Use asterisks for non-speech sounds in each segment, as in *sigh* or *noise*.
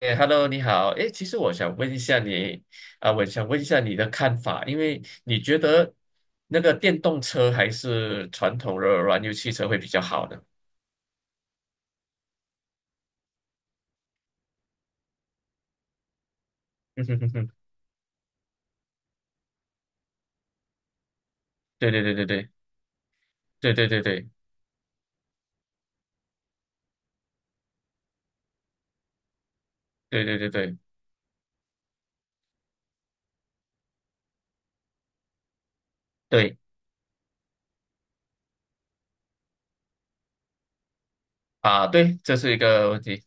哎，Hello，你好。哎，其实我想问一下你，我想问一下你的看法，因为你觉得那个电动车还是传统的燃油汽车会比较好呢？*laughs* 嗯哼哼哼，对对对对对对对对对对对对对对啊，对，这是一个问题。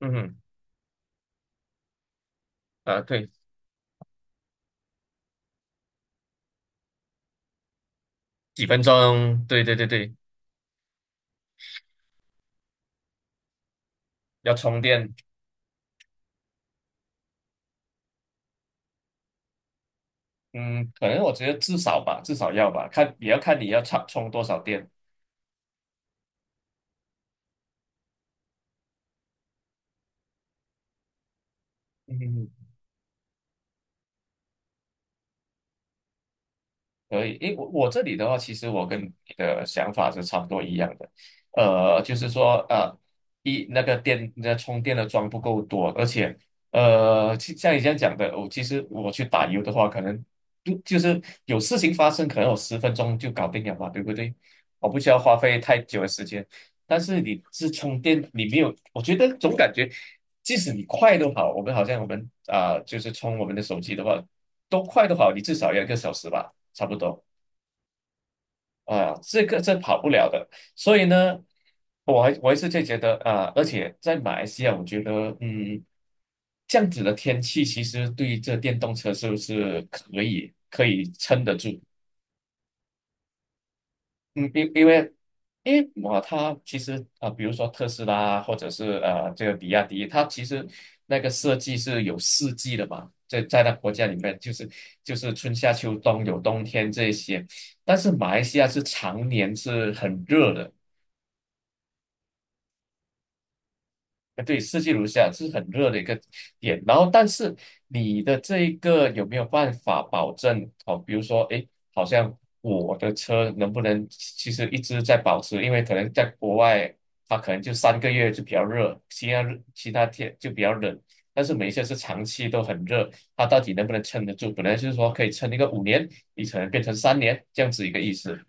嗯哼，啊，对，几分钟，对对对对，要充电，嗯，可能我觉得至少吧，至少要吧，看也要看你要充充多少电。嗯哼。可以，诶，我这里的话，其实我跟你的想法是差不多一样的，就是说，一那个电那充电的桩不够多，而且，像你这样讲的，我其实去打油的话，可能就是有事情发生，可能我10分钟就搞定了嘛，对不对？我不需要花费太久的时间，但是你是充电，你没有，我觉得总感觉，即使你快都好，我们就是充我们的手机的话，都快都好，你至少要一个小时吧。差不多啊，这跑不了的。所以呢，我还是就觉得啊，而且在马来西亚，我觉得这样子的天气其实对这电动车是不是可以撑得住？嗯，因因为因为它其实比如说特斯拉或者是这个比亚迪，它其实那个设计是有四季的嘛，在那国家里面就是春夏秋冬有冬天这些，但是马来西亚是常年是很热的，对，四季如夏是很热的一个点。然后，但是你的这一个有没有办法保证？哦，比如说，诶，好像我的车能不能其实一直在保持？因为可能在国外，它可能就3个月就比较热，其他天就比较冷。但是每一次是长期都很热，它到底能不能撑得住？本来就是说可以撑一个5年，你可能变成三年这样子一个意思。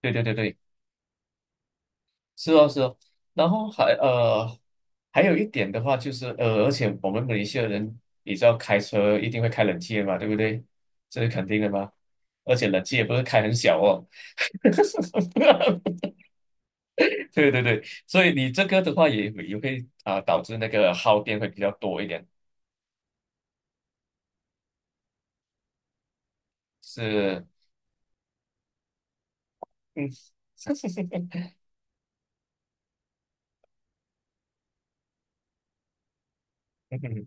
对对对对。是哦，是哦，然后还有一点的话就是，而且我们马来西亚人，你知道开车一定会开冷气的嘛，对不对？这是肯定的嘛。而且冷气也不是开很小哦。*laughs* 对对对，所以你这个的话也会导致那个耗电会比较多一点。是，嗯，*laughs* 嗯哼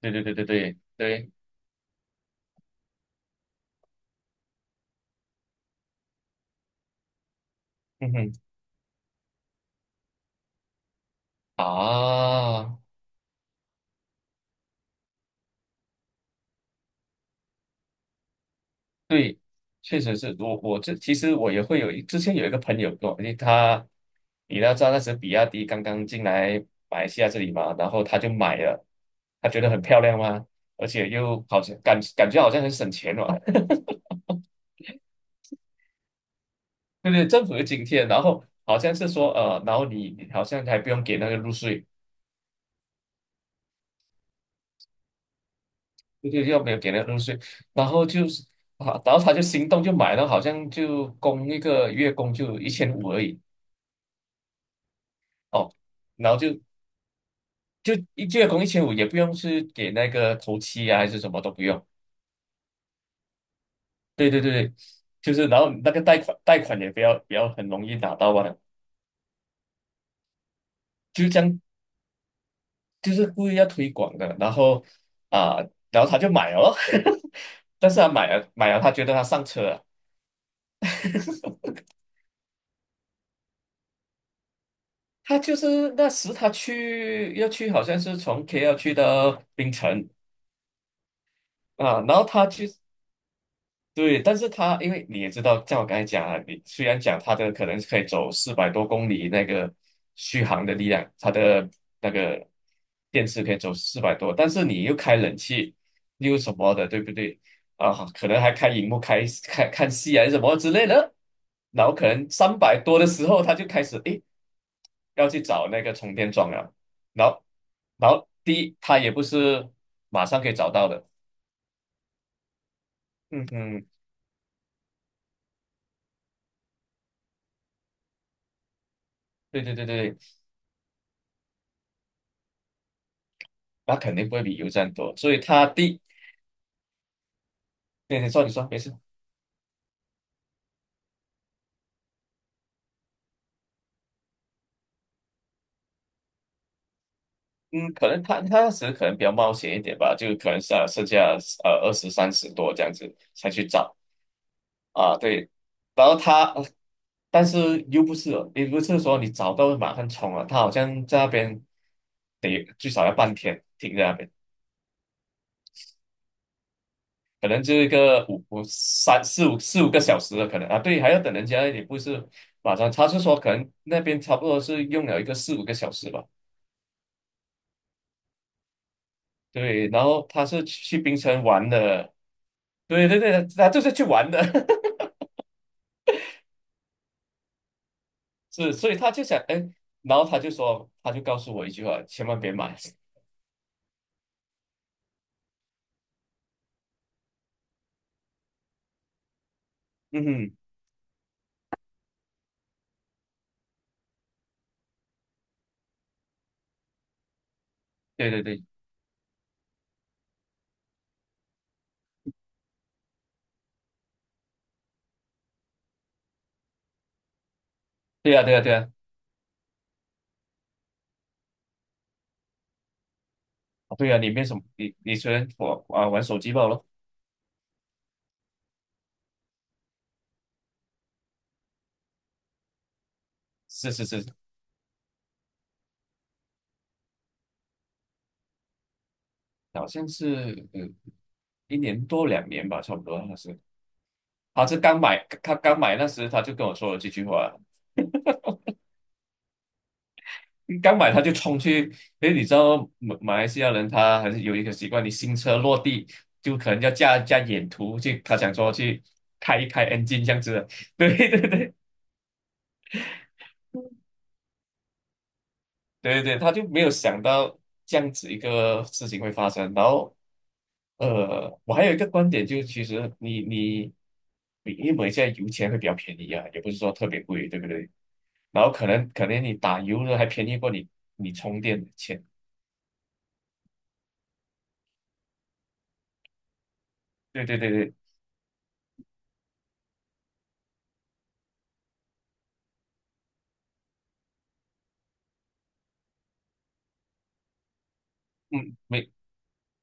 对对对对对对，嗯哼啊。对，确实是我这其实我也会之前有一个朋友跟我，因为你要知道那时比亚迪刚刚进来马来西亚这里嘛，然后他就买了，他觉得很漂亮嘛，而且又好像感觉好像很省钱嘛，*laughs* 对对，政府有津贴，然后好像是说，然后你好像还不用给那个入税，对对，又没有给那个入税，然后就是啊，然后他就心动就买了，好像就供一个月供就一千五而已。哦。然后就一月工一千五，也不用是给那个头期啊，还是什么都不用。对对对对，就是然后那个贷款也不要很容易拿到啊，就这样，就是故意要推广的。然后啊、他就买了咯 *laughs* 但是他买了买了，他觉得他上车了。他就是那时他要去，好像是从 KL 去到槟城啊，然后他去。对，但是它因为你也知道，像我刚才讲啊，你虽然讲它的可能是可以走400多公里那个续航的力量，它的那个电池可以走四百多，但是你又开冷气又什么的，对不对？啊，可能还开荧幕开看看戏啊什么之类的，然后可能300多的时候，他就开始诶要去找那个充电桩了，然后然后第一它也不是马上可以找到的，嗯嗯。对对对对，那肯定不会比油站多，所以他第，那你说没事，嗯，可能他那时可能比较冒险一点吧，就可能是啊剩下20、30多这样子才去找啊，对，然后他，但是又不是哦也不是说你找到马上冲啊，他好像在那边得最少要半天停在那边，可能就一个五五三四五四五个小时的可能啊，对，还要等人家也不是马上，他是说可能那边差不多是用了一个四五个小时吧。对，然后他是去槟城玩的，对对对，他就是去玩的，*laughs* 是，所以他就想，哎，然后他就说，他就告诉我一句话，千万别买。嗯哼，对对对，对呀、对呀、对啊，哦对啊，你没什么，你虽然我啊玩手机罢了，是是是，好像是1年多2年吧，差不多，他是刚买，他刚买那时他就跟我说了这句话，刚买他就冲去，因为你知道马来西亚人他还是有一个习惯，你新车落地就可能要架架眼图去，他想说去开一开 engine 这样子的，*laughs* 对对对对对，他就没有想到这样子一个事情会发生。然后，我还有一个观点就是，其实你因为现在油钱会比较便宜啊，也不是说特别贵，对不对？然后可能你打油的还便宜过你充电的钱，对对对对，嗯，没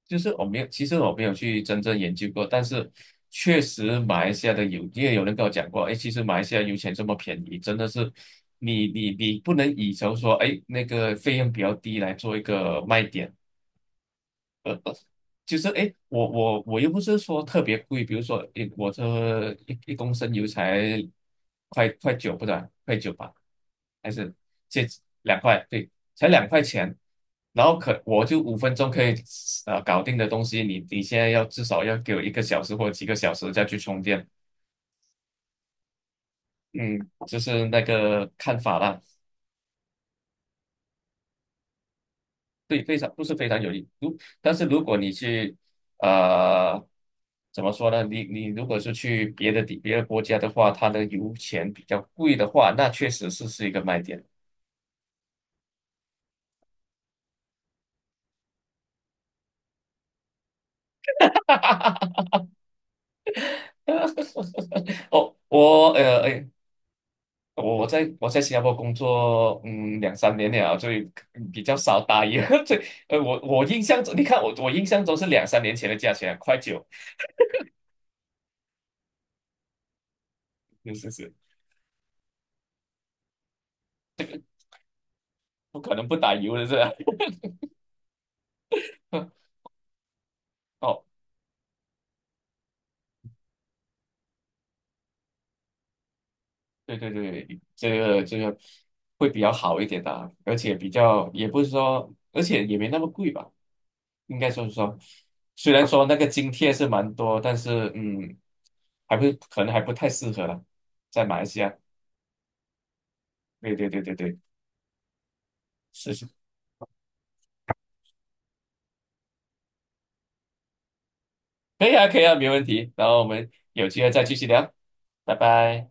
就是我没有，其实我没有去真正研究过，但是确实马来西亚的有，因为有人跟我讲过，哎，其实马来西亚油钱这么便宜，真的是你不能以求说，哎，那个费用比较低来做一个卖点。就是哎，诶我又不是说特别贵，比如说我这一公升油才快九不对，快九吧，还是这两块，对，才2块钱，然后可我就5分钟可以搞定的东西，你现在要至少要给我一个小时或者几个小时再去充电，嗯，就是那个看法啦。对，非常都是非常有利。但是如果你去，呃，怎么说呢？你如果是去别的国家的话，它的油钱比较贵的话，那确实是一个卖点。*laughs* 哦，我在新加坡工作，两三年了，所以比较少打油。*laughs* 我印象中，你看我印象中是2、3年前的价钱，快九，*laughs* 是是是，不可能不打油的是吧？*laughs* 哦对对对，这个会比较好一点的啊而且比较也不是说，而且也没那么贵吧，应该说是说，虽然说那个津贴是蛮多，但是还不可能还不太适合了，在马来西亚。对对对对对，是是，可以啊可以啊，没问题。然后我们有机会再继续聊，拜拜。